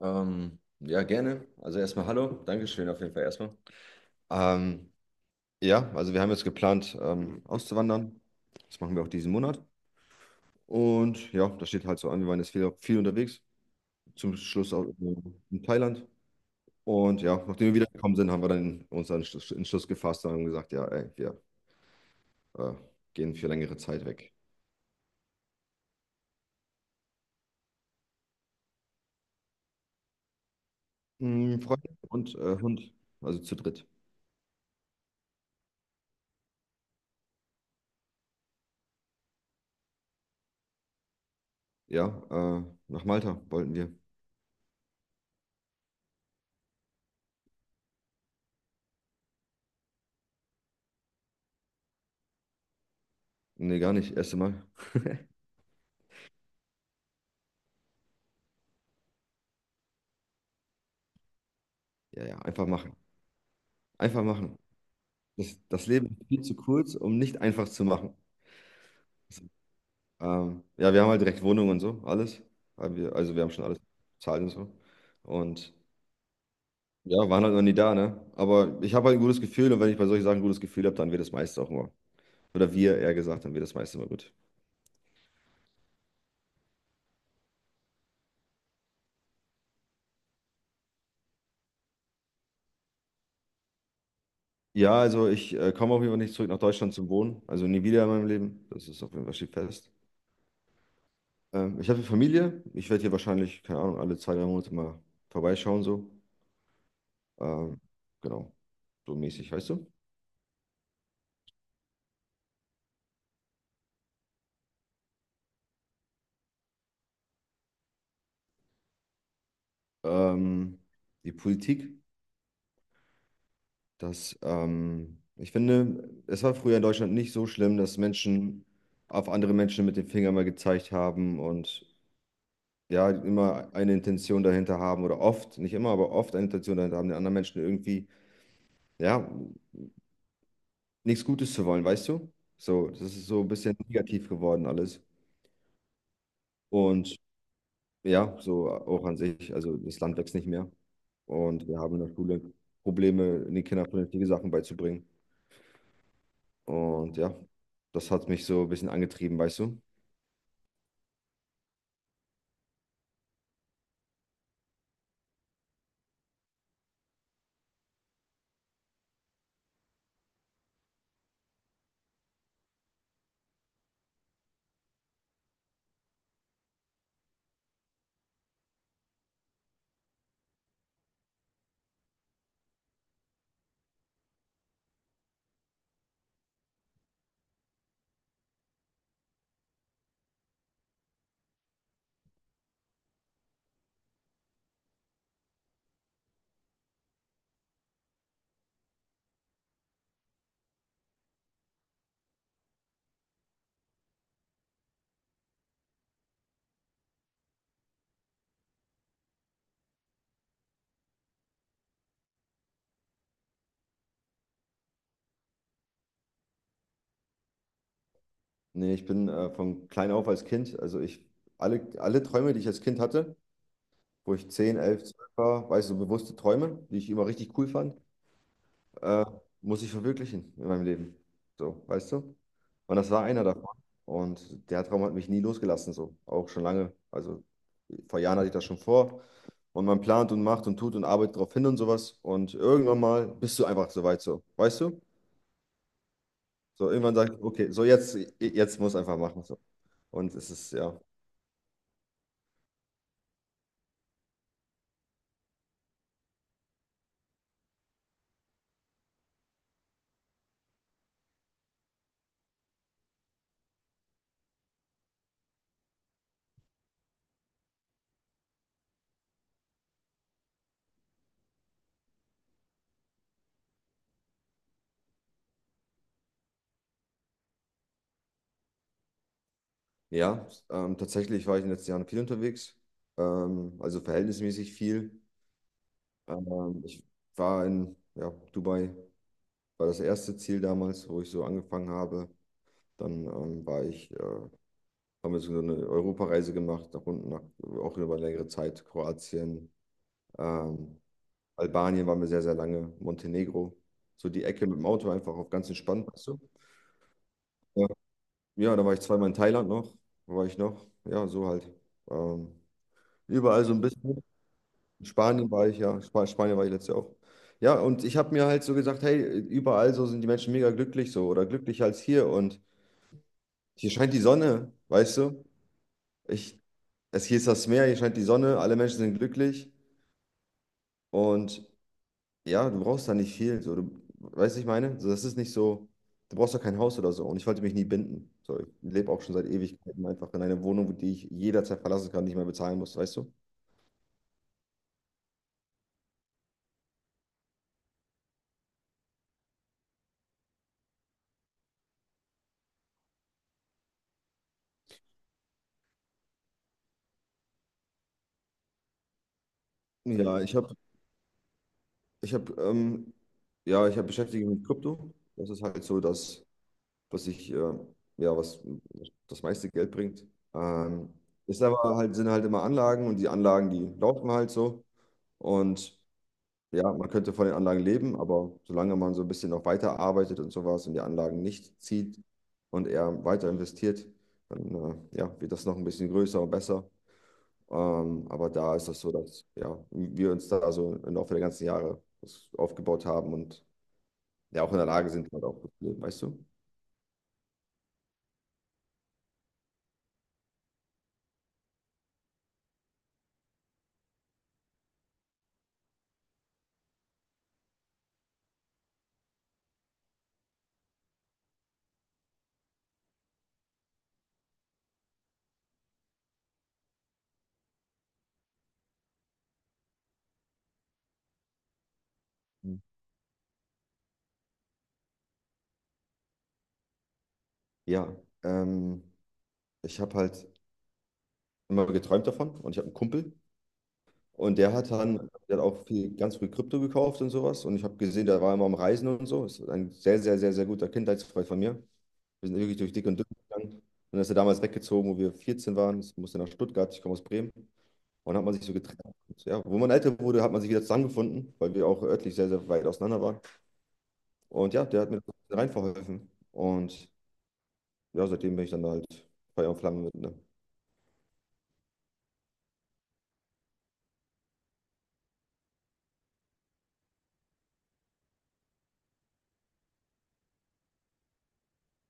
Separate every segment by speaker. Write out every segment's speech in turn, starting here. Speaker 1: Ja, gerne. Also erstmal hallo. Dankeschön auf jeden Fall erstmal. Ähm, ja, also wir haben jetzt geplant, auszuwandern. Das machen wir auch diesen Monat. Und ja, das steht halt so an. Wir waren jetzt viel, viel unterwegs. Zum Schluss auch in Thailand. Und ja, nachdem wir wiedergekommen sind, haben wir dann uns einen Entschluss gefasst und haben gesagt, ja, ey, wir äh, gehen für längere Zeit weg. Mm, Freunde und Hund, also zu dritt. Ja, äh, Nach Malta wollten wir. Nee, gar nicht. Erste Mal. Ja, ja, einfach machen. Einfach machen. Das Leben ist viel zu kurz, um nicht einfach zu machen. Ja, wir haben halt direkt Wohnung und so, alles. Haben wir, also wir haben schon alles bezahlt und so. Und ja, waren halt noch nie da, ne? Aber ich habe halt ein gutes Gefühl, und wenn ich bei solchen Sachen ein gutes Gefühl habe, dann wird das meiste auch immer. Oder wir eher gesagt, dann wird das meiste immer gut. Ja, also ich komme auf jeden Fall nicht zurück nach Deutschland zum Wohnen. Also nie wieder in meinem Leben. Das ist auf jeden Fall, steht fest. Ich habe eine Familie. Ich werde hier wahrscheinlich, keine Ahnung, alle zwei, drei Monate mal vorbeischauen so. Ähm, genau, so mäßig, weißt du? Ähm, die Politik, dass ich finde, es war früher in Deutschland nicht so schlimm, dass Menschen auf andere Menschen mit dem Finger mal gezeigt haben und ja, immer eine Intention dahinter haben, oder oft, nicht immer, aber oft eine Intention dahinter haben, den anderen Menschen irgendwie, ja, nichts Gutes zu wollen, weißt du? So, das ist so ein bisschen negativ geworden alles. Und ja, so auch an sich, also das Land wächst nicht mehr. Und wir haben in der Schule Probleme, den Kindern vernünftige Sachen beizubringen. Und ja, das hat mich so ein bisschen angetrieben, weißt du? Nee, ich bin von klein auf als Kind, alle Träume, die ich als Kind hatte, wo ich zehn, 11, 12 war, weißt du, so bewusste Träume, die ich immer richtig cool fand, äh, muss ich verwirklichen in meinem Leben. So, weißt du? Und das war einer davon. Und der Traum hat mich nie losgelassen, so, auch schon lange. Also vor Jahren hatte ich das schon vor. Und man plant und macht und tut und arbeitet darauf hin und sowas. Und irgendwann mal bist du einfach so weit, so, weißt du? So, irgendwann sagt, okay, so jetzt, jetzt muss einfach machen. So. Und es ist, ja, ja, tatsächlich war ich in den letzten Jahren viel unterwegs, also verhältnismäßig viel. Ich war in Dubai, war das erste Ziel damals, wo ich so angefangen habe. Dann haben wir so eine Europareise gemacht, nach unten, nach, auch über längere Zeit, Kroatien, ähm, Albanien waren wir sehr, sehr lange, Montenegro, so die Ecke mit dem Auto einfach auf ganz entspannt, weißt du? Ja. Ja, da war ich zweimal in Thailand noch. Wo war ich noch? Ja, so halt. Ähm, überall so ein bisschen. In Spanien war ich, ja. Sp Spanien war ich letztes Jahr auch. Ja, und ich habe mir halt so gesagt, hey, überall so sind die Menschen mega glücklich, so, oder glücklicher als hier. Und hier scheint die Sonne, weißt du? Ich, Hier ist das Meer, hier scheint die Sonne, alle Menschen sind glücklich. Und ja, du brauchst da nicht viel. So, du, weißt du, ich meine? So, das ist nicht so, du brauchst doch kein Haus oder so. Und ich wollte mich nie binden. So, ich lebe auch schon seit Ewigkeiten einfach in einer Wohnung, die ich jederzeit verlassen kann, nicht mehr bezahlen muss, weißt du? Ja, ich habe, ich habe, ähm, ja, ich habe beschäftigt mich mit Krypto. Das ist halt so, dass, was ich, äh, ja, was das meiste Geld bringt. Ähm, ist aber halt, sind halt immer Anlagen, und die Anlagen, die laufen halt so. Und ja, man könnte von den Anlagen leben, aber solange man so ein bisschen noch weiter arbeitet und sowas und die Anlagen nicht zieht und eher weiter investiert, dann ja, wird das noch ein bisschen größer und besser. Aber da ist das so, dass ja, wir uns da, also im Laufe der ganzen Jahre, das aufgebaut haben und ja auch in der Lage sind, halt auch gut zu leben, weißt du? Mhm. Ja, ähm, ich habe halt immer geträumt davon, und ich habe einen Kumpel. Der hat auch viel, ganz früh Krypto gekauft und sowas. Und ich habe gesehen, der war immer am Reisen und so. Ist ein sehr, sehr, sehr, sehr guter Kindheitsfreund von mir. Wir sind wirklich durch dick und dünn gegangen. Und dann ist er damals weggezogen, wo wir 14 waren. Ich musste nach Stuttgart, ich komme aus Bremen. Und dann hat man sich so getrennt. Und ja, wo man älter wurde, hat man sich wieder zusammengefunden, weil wir auch örtlich sehr, sehr weit auseinander waren. Und ja, der hat mir da rein verholfen. Und ja, seitdem bin ich dann halt Feuer und Flamme mit. Ne?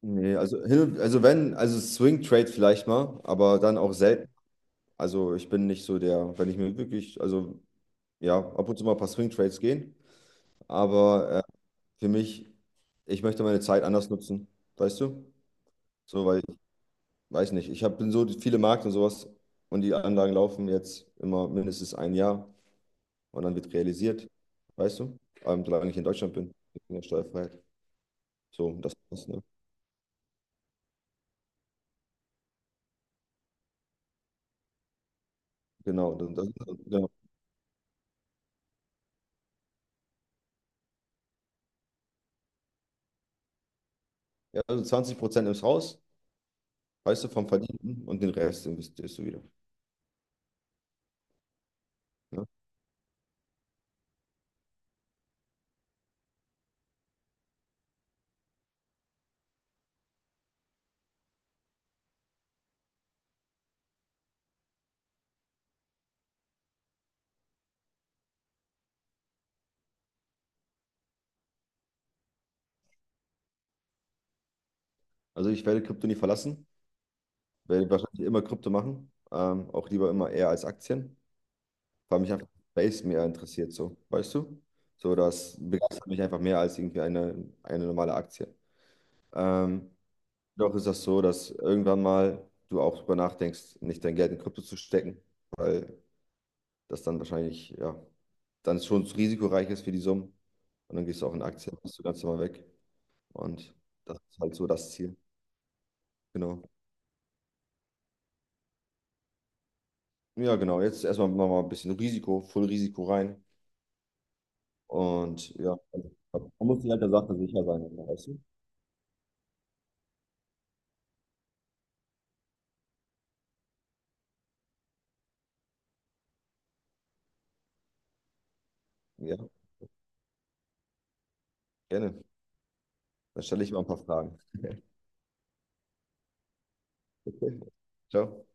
Speaker 1: Nee, also, hin und- also wenn, also Swing Trade vielleicht mal, aber dann auch selten. Also ich bin nicht so der, wenn ich mir wirklich, also ja, ab und zu mal ein paar Swing Trades gehen, aber für mich, ich möchte meine Zeit anders nutzen, weißt du? So, weil ich weiß nicht, ich hab, bin so viele Markt und sowas, und die Anlagen laufen jetzt immer mindestens ein Jahr und dann wird realisiert, weißt du? Solange ich in Deutschland bin, in der Steuerfreiheit. So, das ist, ne? Genau, das, das, genau. Ja, also 20% ins Haus, weißt du, vom Verdienten, und den Rest investierst du wieder. Ne? Also ich werde Krypto nie verlassen. Werde wahrscheinlich immer Krypto machen. Auch lieber immer eher als Aktien, weil mich einfach Space mehr interessiert, so, weißt du? So, das begeistert mich einfach mehr als irgendwie eine normale Aktie. Ähm, doch ist das so, dass irgendwann mal du auch drüber nachdenkst, nicht dein Geld in Krypto zu stecken, weil das dann wahrscheinlich, ja, dann schon zu risikoreich ist für die Summen. Und dann gehst du auch in Aktien, bist du ganz normal weg. Und das ist halt so das Ziel. Genau. Ja, genau. Jetzt erstmal nochmal ein bisschen Risiko, voll Risiko rein. Und ja, also, man muss sich halt der Sache sicher sein, weißt du? Ja, gerne. Dann stelle ich mal ein paar Fragen. Ciao.